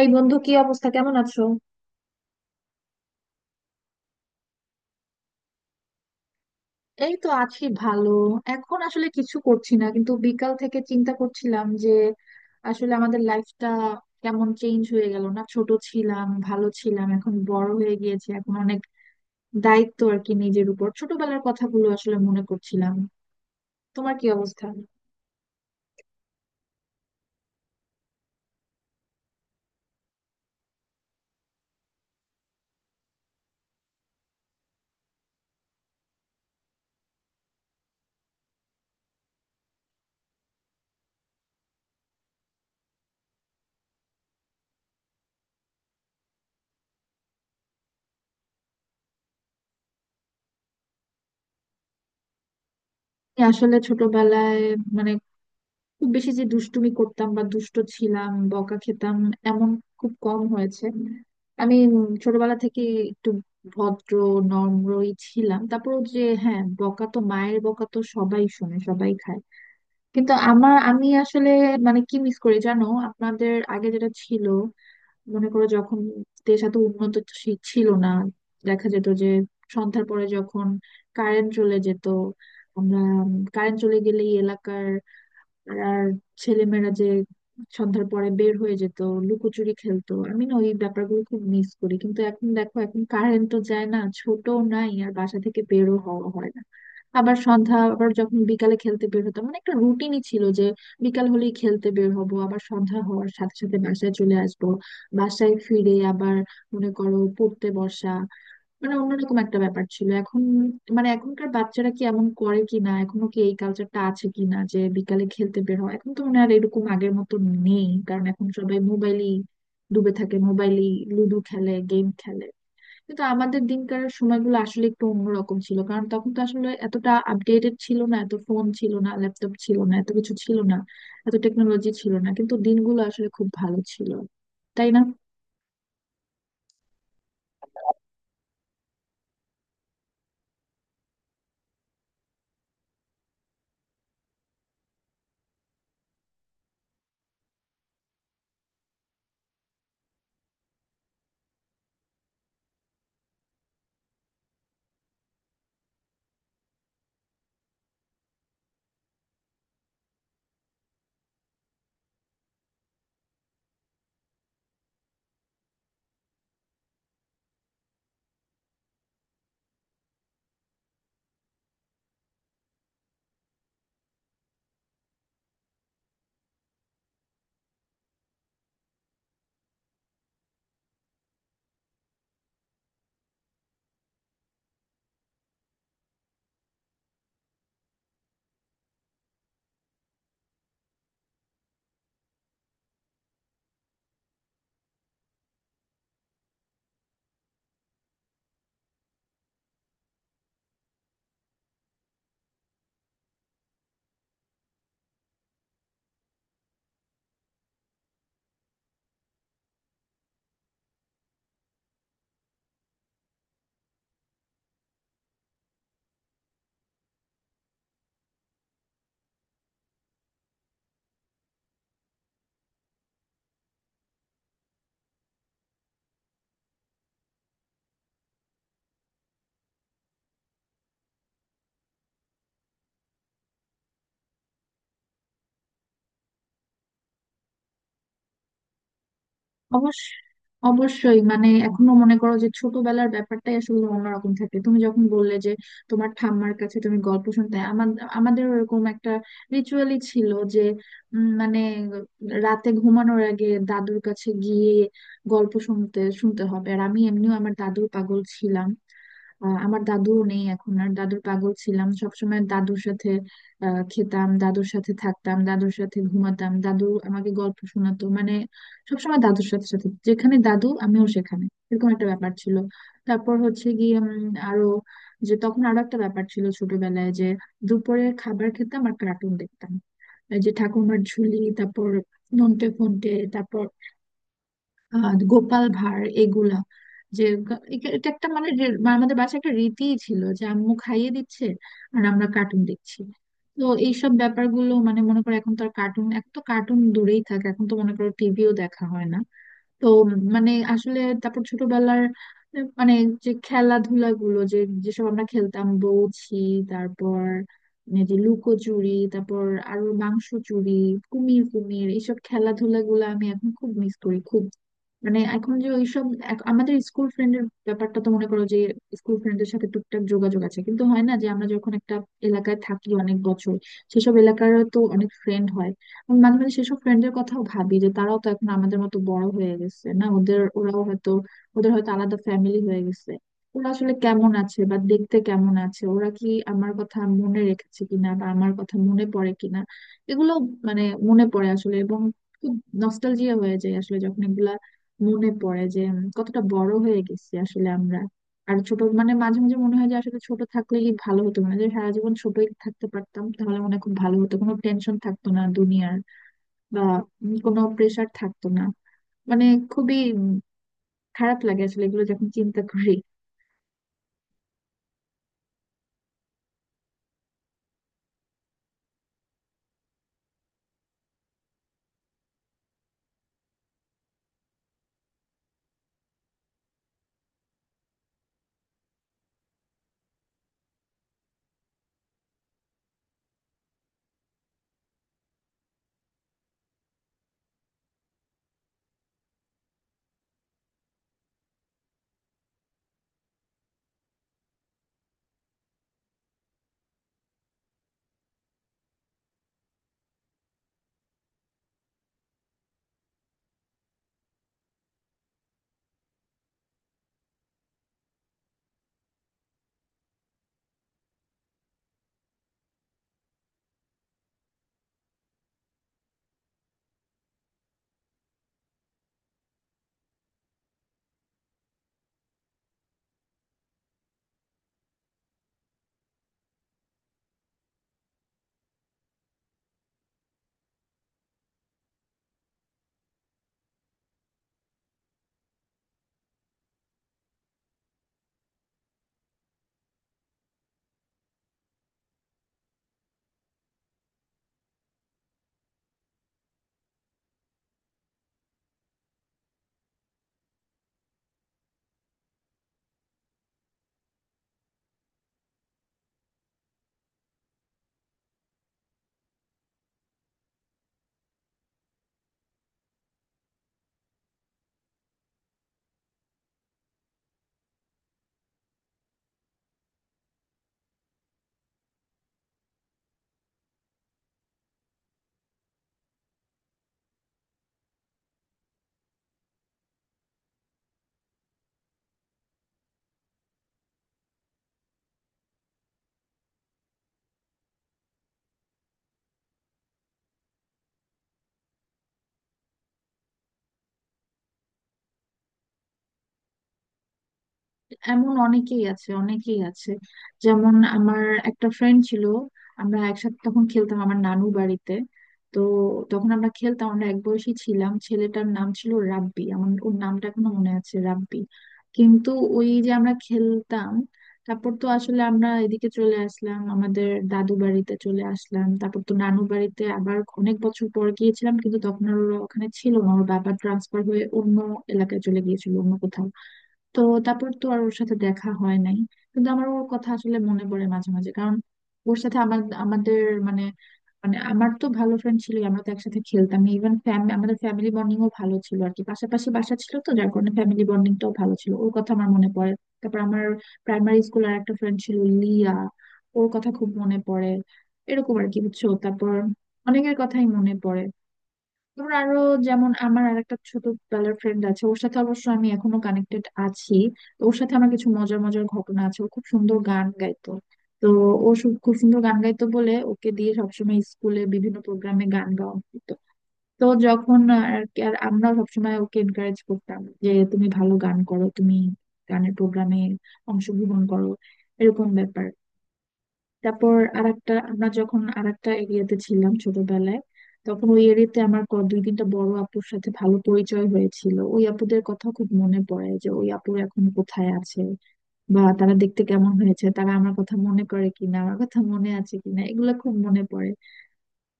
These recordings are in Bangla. এই বন্ধু, কি অবস্থা? কেমন আছো? এই তো আছি ভালো। এখন আসলে কিছু করছি না, কিন্তু বিকাল থেকে চিন্তা করছিলাম যে আসলে আমাদের লাইফটা কেমন চেঞ্জ হয়ে গেল, না? ছোট ছিলাম ভালো ছিলাম, এখন বড় হয়ে গিয়েছে, এখন অনেক দায়িত্ব আর কি নিজের উপর। ছোটবেলার কথাগুলো আসলে মনে করছিলাম। তোমার কি অবস্থা? আমি আসলে ছোটবেলায় মানে খুব বেশি যে দুষ্টুমি করতাম বা দুষ্ট ছিলাম বকা খেতাম এমন খুব কম হয়েছে। আমি ছোটবেলা থেকে একটু ভদ্র নম্রই ছিলাম। তারপর যে হ্যাঁ, বকা তো মায়ের বকা তো সবাই শোনে, সবাই খায়। কিন্তু আমি আসলে মানে কি মিস করি জানো, আপনাদের আগে যেটা ছিল, মনে করো যখন দেশ এত উন্নত ছিল না, দেখা যেত যে সন্ধ্যার পরে যখন কারেন্ট চলে যেত, আমরা কারেন্ট চলে গেলেই এলাকার আর ছেলেমেয়েরা যে সন্ধ্যার পরে বের হয়ে যেত, লুকোচুরি খেলতো। আমি না ওই ব্যাপারগুলো খুব মিস করি। কিন্তু এখন দেখো এখন কারেন্ট তো যায় না, ছোট নাই, আর বাসা থেকে বেরও হওয়া হয় না। আবার সন্ধ্যা, আবার যখন বিকালে খেলতে বের হতাম মানে একটা রুটিনই ছিল যে বিকাল হলেই খেলতে বের হব, আবার সন্ধ্যা হওয়ার সাথে সাথে বাসায় চলে আসব। বাসায় ফিরে আবার মনে করো পড়তে বসা, মানে অন্যরকম একটা ব্যাপার ছিল। এখন মানে এখনকার বাচ্চারা কি এমন করে কি না, এখনো কি এই কালচারটা আছে কি না যে বিকালে খেলতে বের হয়? এখন তো মনে হয় আর এরকম আগের মতো নেই, কারণ এখন সবাই মোবাইলই ডুবে থাকে, মোবাইলই লুডো খেলে, গেম খেলে। কিন্তু আমাদের দিনকার সময়গুলো আসলে একটু অন্যরকম ছিল, কারণ তখন তো আসলে এতটা আপডেটেড ছিল না, এত ফোন ছিল না, ল্যাপটপ ছিল না, এত কিছু ছিল না, এত টেকনোলজি ছিল না, কিন্তু দিনগুলো আসলে খুব ভালো ছিল, তাই না? অবশ্য, অবশ্যই মানে এখনো মনে করো যে ছোটবেলার ব্যাপারটাই আসলে অন্যরকম থাকে। তুমি যখন বললে যে তোমার ঠাম্মার কাছে তুমি গল্প শুনতে, আমাদের আমাদের ওরকম একটা রিচুয়ালই ছিল যে মানে রাতে ঘুমানোর আগে দাদুর কাছে গিয়ে গল্প শুনতে শুনতে হবে। আর আমি এমনিও আমার দাদুর পাগল ছিলাম। আমার দাদুও নেই এখন আর। দাদুর পাগল ছিলাম, সবসময় দাদুর সাথে খেতাম, দাদুর সাথে থাকতাম, দাদুর সাথে ঘুমাতাম, দাদু আমাকে গল্প শোনাতো, মানে সবসময় দাদুর সাথে সাথে, যেখানে দাদু আমিও সেখানে, এরকম একটা ব্যাপার ছিল। তারপর হচ্ছে গিয়ে আরো যে তখন আরো একটা ব্যাপার ছিল ছোটবেলায় যে দুপুরে খাবার খেতাম আর কার্টুন দেখতাম। এই যে ঠাকুমার ঝুলি, তারপর নন্টে ফন্টে, তারপর আহ গোপাল ভাঁড়, এগুলা যে এটা একটা মানে যে আমাদের বাসায় একটা রীতি ছিল যে আম্মু খাইয়ে দিচ্ছে আর আমরা কার্টুন দেখছি। তো এইসব ব্যাপারগুলো মানে মনে করো এখন তো আর কার্টুন, এখন তো কার্টুন দূরেই থাকে, এখন তো মনে করো টিভিও দেখা হয় না। তো মানে আসলে তারপর ছোটবেলার মানে যে খেলাধুলা গুলো যে যেসব আমরা খেলতাম, বউছি, তারপর এই যে লুকোচুরি, তারপর আরো মাংস চুরি, কুমির কুমির, এইসব খেলাধুলা গুলো আমি এখন খুব মিস করি, খুব। মানে এখন যে ওইসব আমাদের স্কুল ফ্রেন্ডের ব্যাপারটা, তো মনে করো যে স্কুল ফ্রেন্ডের সাথে টুকটাক যোগাযোগ আছে, কিন্তু হয় না। যে আমরা যখন একটা এলাকায় থাকি অনেক বছর, সেসব এলাকারও তো অনেক ফ্রেন্ড হয়। আমি মাঝে মাঝে সেসব ফ্রেন্ডের কথাও ভাবি যে তারাও তো এখন আমাদের মতো বড় হয়ে গেছে, না? ওদের, ওরাও হয়তো, ওদের হয়তো আলাদা ফ্যামিলি হয়ে গেছে। ওরা আসলে কেমন আছে, বা দেখতে কেমন আছে, ওরা কি আমার কথা মনে রেখেছে কিনা, বা আমার কথা মনে পড়ে কিনা, এগুলো মানে মনে পড়ে আসলে, এবং খুব নস্টালজিয়া হয়ে যায় আসলে যখন এগুলা মনে পড়ে যে কতটা বড় হয়ে গেছি আসলে আমরা। আর ছোট, মানে মাঝে মাঝে মনে হয় যে আসলে ছোট থাকলেই ভালো হতো, মানে যে সারা জীবন ছোটই থাকতে পারতাম তাহলে মনে হয় খুব ভালো হতো, কোনো টেনশন থাকতো না দুনিয়ার, বা কোনো প্রেশার থাকতো না। মানে খুবই খারাপ লাগে আসলে এগুলো যখন চিন্তা করি। এমন অনেকেই আছে, অনেকেই আছে। যেমন আমার একটা ফ্রেন্ড ছিল, আমরা একসাথে তখন খেলতাম আমার নানু বাড়িতে। তো তখন আমরা খেলতাম, আমরা এক বয়সী ছিলাম, ছেলেটার নাম ছিল রাব্বি। আমার ওর নামটা এখনো মনে আছে, রাব্বি। কিন্তু ওই যে আমরা খেলতাম, তারপর তো আসলে আমরা এদিকে চলে আসলাম, আমাদের দাদু বাড়িতে চলে আসলাম। তারপর তো নানু বাড়িতে আবার অনেক বছর পর গিয়েছিলাম, কিন্তু তখন আর ওরা ওখানে ছিল না। ওর বাবা ট্রান্সফার হয়ে অন্য এলাকায় চলে গিয়েছিল, অন্য কোথাও। তো তারপর তো আর ওর সাথে দেখা হয় নাই। কিন্তু আমার ওর কথা আসলে মনে পড়ে মাঝে মাঝে, কারণ ওর সাথে আমার, আমাদের মানে, মানে আমার তো ভালো ফ্রেন্ড ছিল, আমরা তো একসাথে খেলতাম। ইভেন আমাদের ফ্যামিলি বন্ডিংও ভালো ছিল আর কি, পাশাপাশি বাসা ছিল তো যার কারণে ফ্যামিলি বন্ডিংটাও ভালো ছিল। ওর কথা আমার মনে পড়ে। তারপর আমার প্রাইমারি স্কুল আর একটা ফ্রেন্ড ছিল, লিয়া। ওর কথা খুব মনে পড়ে। এরকম আর কি, বুঝছো? তারপর অনেকের কথাই মনে পড়ে। ধর আরো, যেমন আমার আর একটা ছোটবেলার ফ্রেন্ড আছে, ওর সাথে অবশ্য আমি এখনো কানেক্টেড আছি। তো ওর সাথে আমার কিছু মজার মজার ঘটনা আছে, ও খুব সুন্দর গান গাইতো। তো ও খুব সুন্দর গান গাইতো বলে ওকে দিয়ে সবসময় স্কুলে বিভিন্ন প্রোগ্রামে গান গাওয়া হতো। তো যখন আর আমরা সবসময় ওকে এনকারেজ করতাম যে তুমি ভালো গান করো, তুমি গানের প্রোগ্রামে অংশগ্রহণ করো, এরকম ব্যাপার। তারপর আরেকটা, আমরা যখন আরেকটা এরিয়াতে ছিলাম ছোটবেলায়, তখন ওই এরিয়াতে আমার দুই তিনটা বড় আপুর সাথে ভালো পরিচয় হয়েছিল। ওই আপুদের কথা খুব মনে পড়ে, যে ওই আপুর এখন কোথায় আছে, বা তারা দেখতে কেমন হয়েছে, তারা আমার কথা মনে করে কিনা, আমার কথা মনে আছে কিনা, এগুলো খুব মনে পড়ে।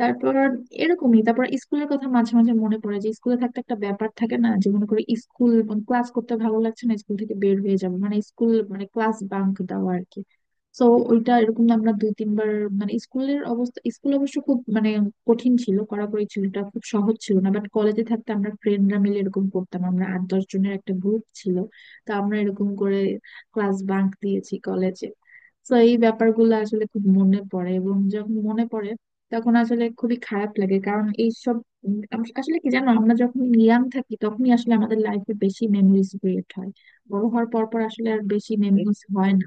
তারপর এরকমই, তারপর স্কুলের কথা মাঝে মাঝে মনে পড়ে, যে স্কুলে থাকতে একটা ব্যাপার থাকে না যে মনে করি স্কুল ক্লাস করতে ভালো লাগছে না, স্কুল থেকে বের হয়ে যাবো, মানে স্কুল মানে ক্লাস বাঙ্ক দেওয়া আর কি। তো ওইটা এরকম আমরা দুই তিনবার, মানে স্কুলের অবস্থা, স্কুল অবশ্য খুব মানে কঠিন ছিল, কড়াকড়ি ছিল, এটা খুব সহজ ছিল না, বাট কলেজে থাকতে আমরা ফ্রেন্ডরা মিলে এরকম করতাম, আমরা 8 10 জনের একটা গ্রুপ ছিল। তো আমরা এরকম করে ক্লাস বাঙ্ক দিয়েছি কলেজে। তো এই ব্যাপারগুলো আসলে খুব মনে পড়ে, এবং যখন মনে পড়ে তখন আসলে খুবই খারাপ লাগে, কারণ এইসব আসলে কি জানো, আমরা যখন ইয়াং থাকি তখনই আসলে আমাদের লাইফে বেশি মেমোরিজ ক্রিয়েট হয়। বড় হওয়ার পর পর আসলে আর বেশি মেমোরিজ হয় না।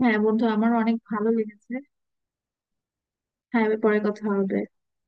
হ্যাঁ বন্ধু, আমারও অনেক ভালো লেগেছে। হ্যাঁ, এবার পরে কথা হবে।